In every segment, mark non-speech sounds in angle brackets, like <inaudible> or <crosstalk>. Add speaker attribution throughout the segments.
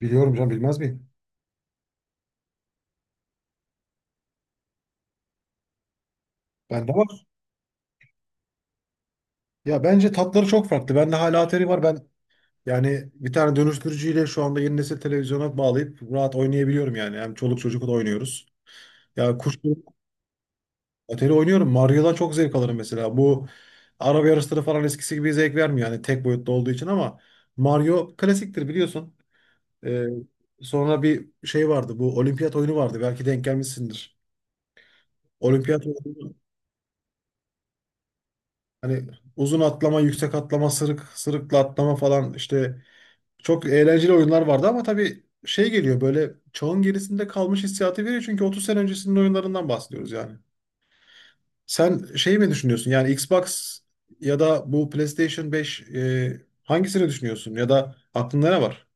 Speaker 1: Biliyorum canım bilmez miyim? Bende var. Ya bence tatları çok farklı. Bende hala Atari var. Yani bir tane dönüştürücüyle şu anda yeni nesil televizyona bağlayıp rahat oynayabiliyorum yani. Hem çoluk çocukla da oynuyoruz. Ya kuş Atari oynuyorum. Mario'dan çok zevk alırım mesela. Bu araba yarışları falan eskisi gibi zevk vermiyor yani tek boyutlu olduğu için ama Mario klasiktir biliyorsun. Ee, Sonra bir şey vardı. Bu olimpiyat oyunu vardı. Belki denk gelmişsindir. Olimpiyat oyunu hani uzun atlama, yüksek atlama, sırık sırıkla atlama falan işte çok eğlenceli oyunlar vardı ama tabii şey geliyor, böyle çağın gerisinde kalmış hissiyatı veriyor çünkü 30 sene öncesinin oyunlarından bahsediyoruz yani. Sen şey mi düşünüyorsun, yani Xbox ya da bu PlayStation 5, hangisini düşünüyorsun ya da aklında ne var?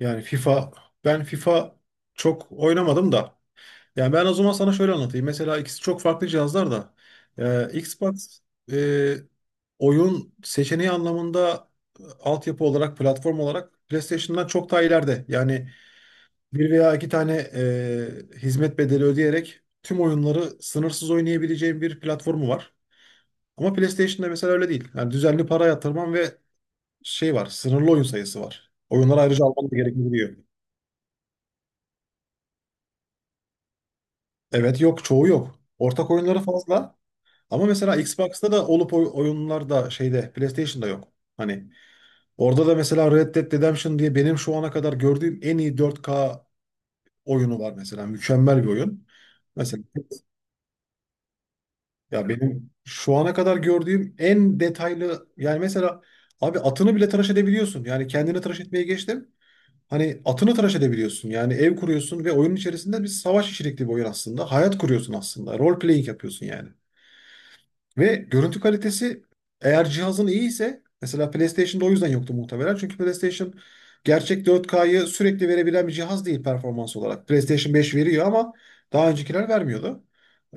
Speaker 1: Yani FIFA Ben FIFA çok oynamadım da, yani ben o zaman sana şöyle anlatayım. Mesela ikisi çok farklı cihazlar da. Xbox e, oyun seçeneği anlamında, altyapı olarak, platform olarak PlayStation'dan çok daha ileride. Yani bir veya iki tane hizmet bedeli ödeyerek tüm oyunları sınırsız oynayabileceğin bir platformu var. Ama PlayStation'da mesela öyle değil. Yani düzenli para yatırman ve şey var, sınırlı oyun sayısı var. Oyunları ayrıca alman da gerekebiliyor. Evet yok, çoğu yok. Ortak oyunları fazla. Ama mesela Xbox'ta da olup oyunlar da şeyde PlayStation'da yok. Hani orada da mesela Red Dead Redemption diye benim şu ana kadar gördüğüm en iyi 4K oyunu var mesela. Mükemmel bir oyun. Mesela ya benim şu ana kadar gördüğüm en detaylı, yani mesela abi atını bile tıraş edebiliyorsun. Yani kendini tıraş etmeye geçtim. Hani atını tıraş edebiliyorsun. Yani ev kuruyorsun ve oyunun içerisinde, bir savaş içerikli bir oyun aslında. Hayat kuruyorsun aslında. Role playing yapıyorsun yani. Ve görüntü kalitesi, eğer cihazın iyi ise, mesela PlayStation'da o yüzden yoktu muhtemelen. Çünkü PlayStation gerçek 4K'yı sürekli verebilen bir cihaz değil performans olarak. PlayStation 5 veriyor ama daha öncekiler vermiyordu.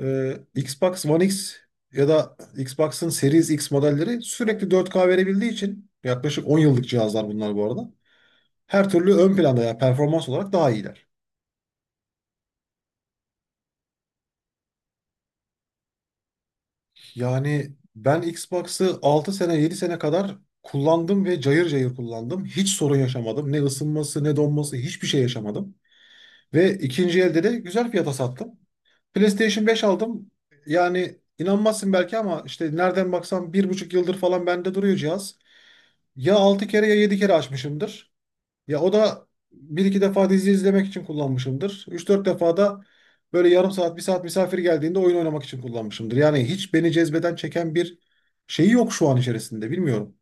Speaker 1: Xbox One X ya da Xbox'ın Series X modelleri sürekli 4K verebildiği için, yaklaşık 10 yıllık cihazlar bunlar bu arada. Her türlü ön planda, ya performans olarak daha iyiler. Yani ben Xbox'ı 6 sene 7 sene kadar kullandım ve cayır cayır kullandım. Hiç sorun yaşamadım. Ne ısınması ne donması, hiçbir şey yaşamadım. Ve ikinci elde de güzel fiyata sattım. PlayStation 5 aldım. Yani inanmazsın belki ama işte nereden baksam bir buçuk yıldır falan bende duruyor cihaz. Ya 6 kere ya 7 kere açmışımdır. Ya o da bir iki defa dizi izlemek için kullanmışımdır. Üç dört defa da böyle yarım saat, bir saat misafir geldiğinde oyun oynamak için kullanmışımdır. Yani hiç beni cezbeden, çeken bir şeyi yok şu an içerisinde. Bilmiyorum.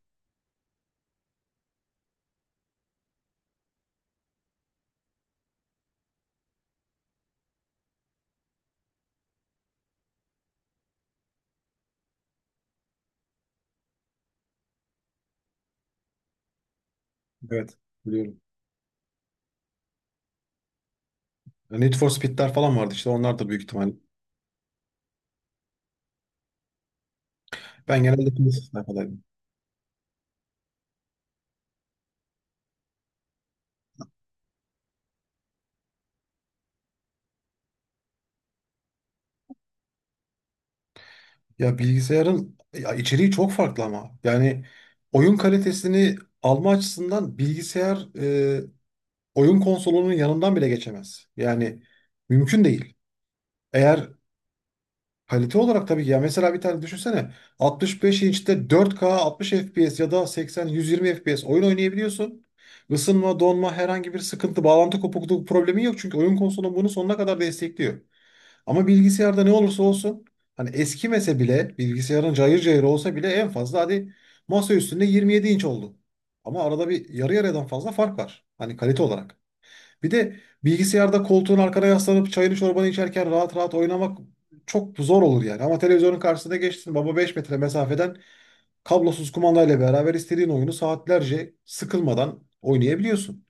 Speaker 1: Evet, biliyorum. Need for Speed'ler falan vardı işte, onlar da büyük ihtimal. Ben genelde PlayStation sayfadaydım. Ya bilgisayarın ya içeriği çok farklı ama. Yani oyun kalitesini alma açısından bilgisayar oyun konsolunun yanından bile geçemez. Yani mümkün değil. Eğer Kalite olarak tabii ki, ya mesela bir tane düşünsene, 65 inçte 4K 60 FPS ya da 80-120 FPS oyun oynayabiliyorsun. Isınma, donma, herhangi bir sıkıntı, bağlantı kopukluğu problemi yok çünkü oyun konsolun bunu sonuna kadar destekliyor. Ama bilgisayarda ne olursa olsun, hani eskimese bile, bilgisayarın cayır cayır olsa bile en fazla hadi masa üstünde 27 inç oldu. Ama arada bir, yarı yarıdan fazla fark var. Hani kalite olarak. Bir de bilgisayarda koltuğun arkana yaslanıp çayını çorbanı içerken rahat rahat oynamak çok zor olur yani. Ama televizyonun karşısına geçtin baba, 5 metre mesafeden kablosuz kumandayla beraber istediğin oyunu saatlerce sıkılmadan oynayabiliyorsun.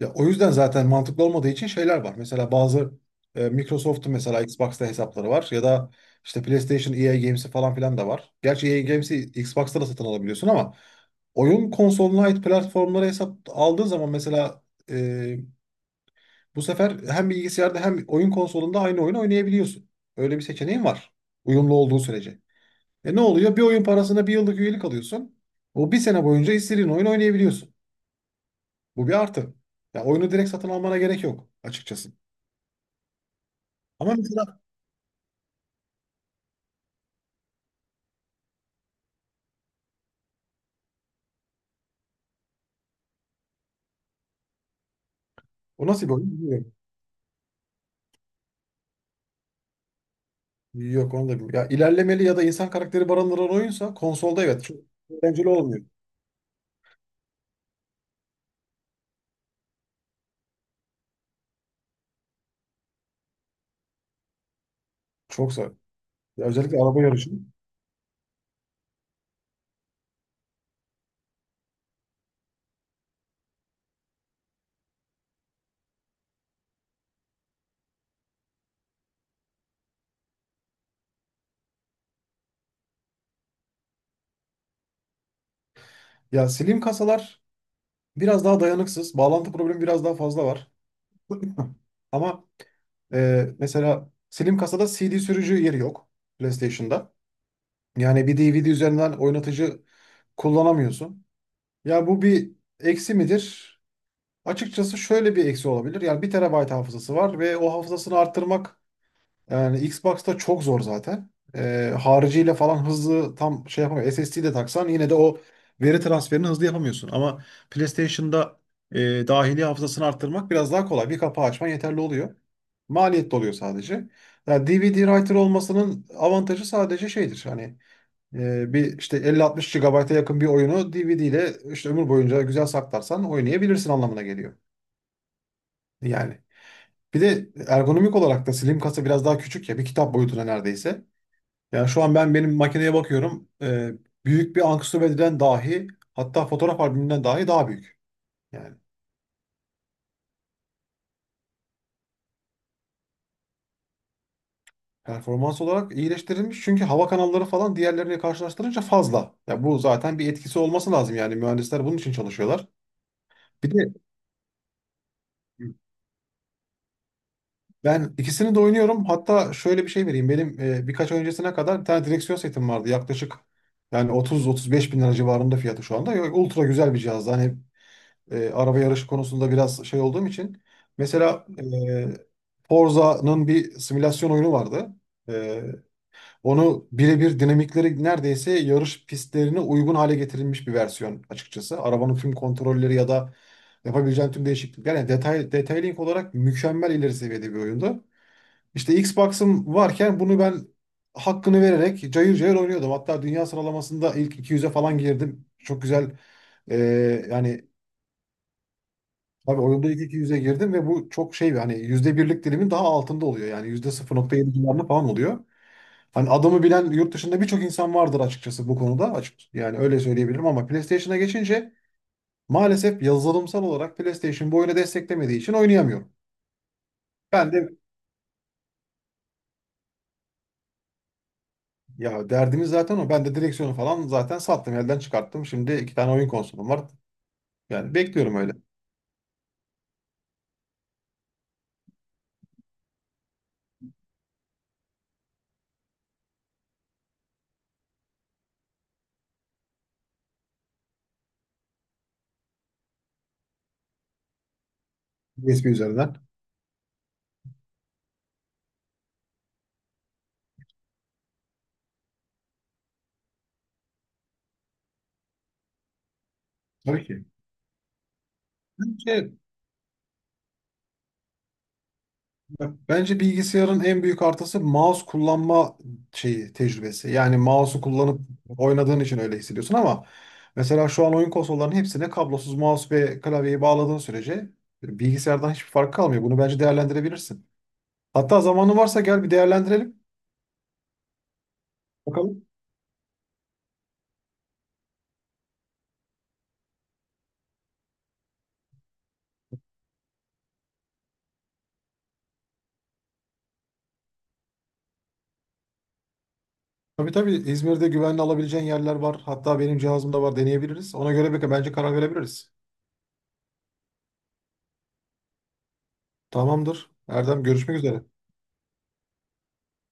Speaker 1: Ya o yüzden zaten mantıklı olmadığı için şeyler var. Mesela bazı, Microsoft'un mesela Xbox'ta hesapları var ya da işte PlayStation EA Games'i falan filan da var. Gerçi EA Games'i Xbox'ta da satın alabiliyorsun ama oyun konsoluna ait platformlara hesap aldığın zaman mesela, e, bu sefer hem bilgisayarda hem oyun konsolunda aynı oyunu oynayabiliyorsun. Öyle bir seçeneğin var. Uyumlu olduğu sürece. E ne oluyor? Bir oyun parasına bir yıllık üyelik alıyorsun. O bir sene boyunca istediğin oyun oynayabiliyorsun. Bu bir artı. Ya oyunu direkt satın almana gerek yok açıkçası. Ama mesela o nasıl bir oyun bilmiyorum. Yok onu da bilmiyorum. Ya ilerlemeli ya da insan karakteri barındıran oyunsa, konsolda evet çok eğlenceli olmuyor. Çok zor. Ya özellikle araba yarışı. Ya slim kasalar biraz daha dayanıksız. Bağlantı problemi biraz daha fazla var. <laughs> Ama, mesela Slim kasada CD sürücü yeri yok PlayStation'da. Yani bir DVD üzerinden oynatıcı kullanamıyorsun. Ya bu bir eksi midir? Açıkçası şöyle bir eksi olabilir. Yani bir terabayt hafızası var ve o hafızasını arttırmak, yani Xbox'ta çok zor zaten. Hariciyle falan hızlı tam şey yapamıyor. SSD de taksan yine de o veri transferini hızlı yapamıyorsun. Ama PlayStation'da e, dahili hafızasını arttırmak biraz daha kolay. Bir kapağı açman yeterli oluyor. Maliyetli oluyor sadece. Yani DVD writer olmasının avantajı sadece şeydir. Hani bir işte 50-60 GB'a yakın bir oyunu DVD ile işte ömür boyunca güzel saklarsan oynayabilirsin anlamına geliyor. Yani bir de ergonomik olarak da slim kasa biraz daha küçük, ya bir kitap boyutuna neredeyse. Yani şu an ben benim makineye bakıyorum. Büyük bir anksiyometreden dahi, hatta fotoğraf albümünden dahi daha büyük. Yani performans olarak iyileştirilmiş. Çünkü hava kanalları falan diğerlerine karşılaştırınca fazla. Ya bu zaten, bir etkisi olması lazım yani, mühendisler bunun için çalışıyorlar. Bir de ben ikisini de oynuyorum. Hatta şöyle bir şey vereyim. Benim birkaç ay öncesine kadar bir tane direksiyon setim vardı. Yaklaşık yani 30-35 bin lira civarında fiyatı şu anda. Ultra güzel bir cihazdı. Hani araba yarışı konusunda biraz şey olduğum için. Mesela e, Forza'nın bir simülasyon oyunu vardı. E, Onu birebir dinamikleri neredeyse yarış pistlerine uygun hale getirilmiş bir versiyon açıkçası. Arabanın tüm kontrolleri ya da yapabileceğin tüm değişiklikler. Yani detay, detailing olarak mükemmel, ileri seviyede bir oyundu. İşte Xbox'ım varken bunu ben hakkını vererek cayır cayır oynuyordum. Hatta dünya sıralamasında ilk 200'e falan girdim. Çok güzel. e, Yani tabii oyunda ilk iki yüze girdim ve bu çok şey bir, hani yüzde birlik dilimin daha altında oluyor. Yani yüzde 0,7 civarında falan oluyor. Hani adamı bilen yurt dışında birçok insan vardır açıkçası bu konuda. Açık, yani öyle söyleyebilirim ama PlayStation'a geçince maalesef yazılımsal olarak PlayStation bu oyunu desteklemediği için oynayamıyorum. Ben de Ya derdimiz zaten o. Ben de direksiyonu falan zaten sattım, elden çıkarttım. Şimdi iki tane oyun konsolum var. Yani bekliyorum öyle. USB üzerinden. Tabii ki. Bence Bence bilgisayarın en büyük artısı mouse kullanma şeyi tecrübesi. Yani mouse'u kullanıp oynadığın için öyle hissediyorsun ama mesela şu an oyun konsollarının hepsine kablosuz mouse ve klavyeyi bağladığın sürece, bilgisayardan hiçbir fark kalmıyor. Bunu bence değerlendirebilirsin. Hatta zamanın varsa gel bir değerlendirelim. Bakalım. Tabii tabii, İzmir'de güvenli alabileceğin yerler var. Hatta benim cihazımda var, deneyebiliriz. Ona göre bence karar verebiliriz. Tamamdır. Erdem, görüşmek üzere.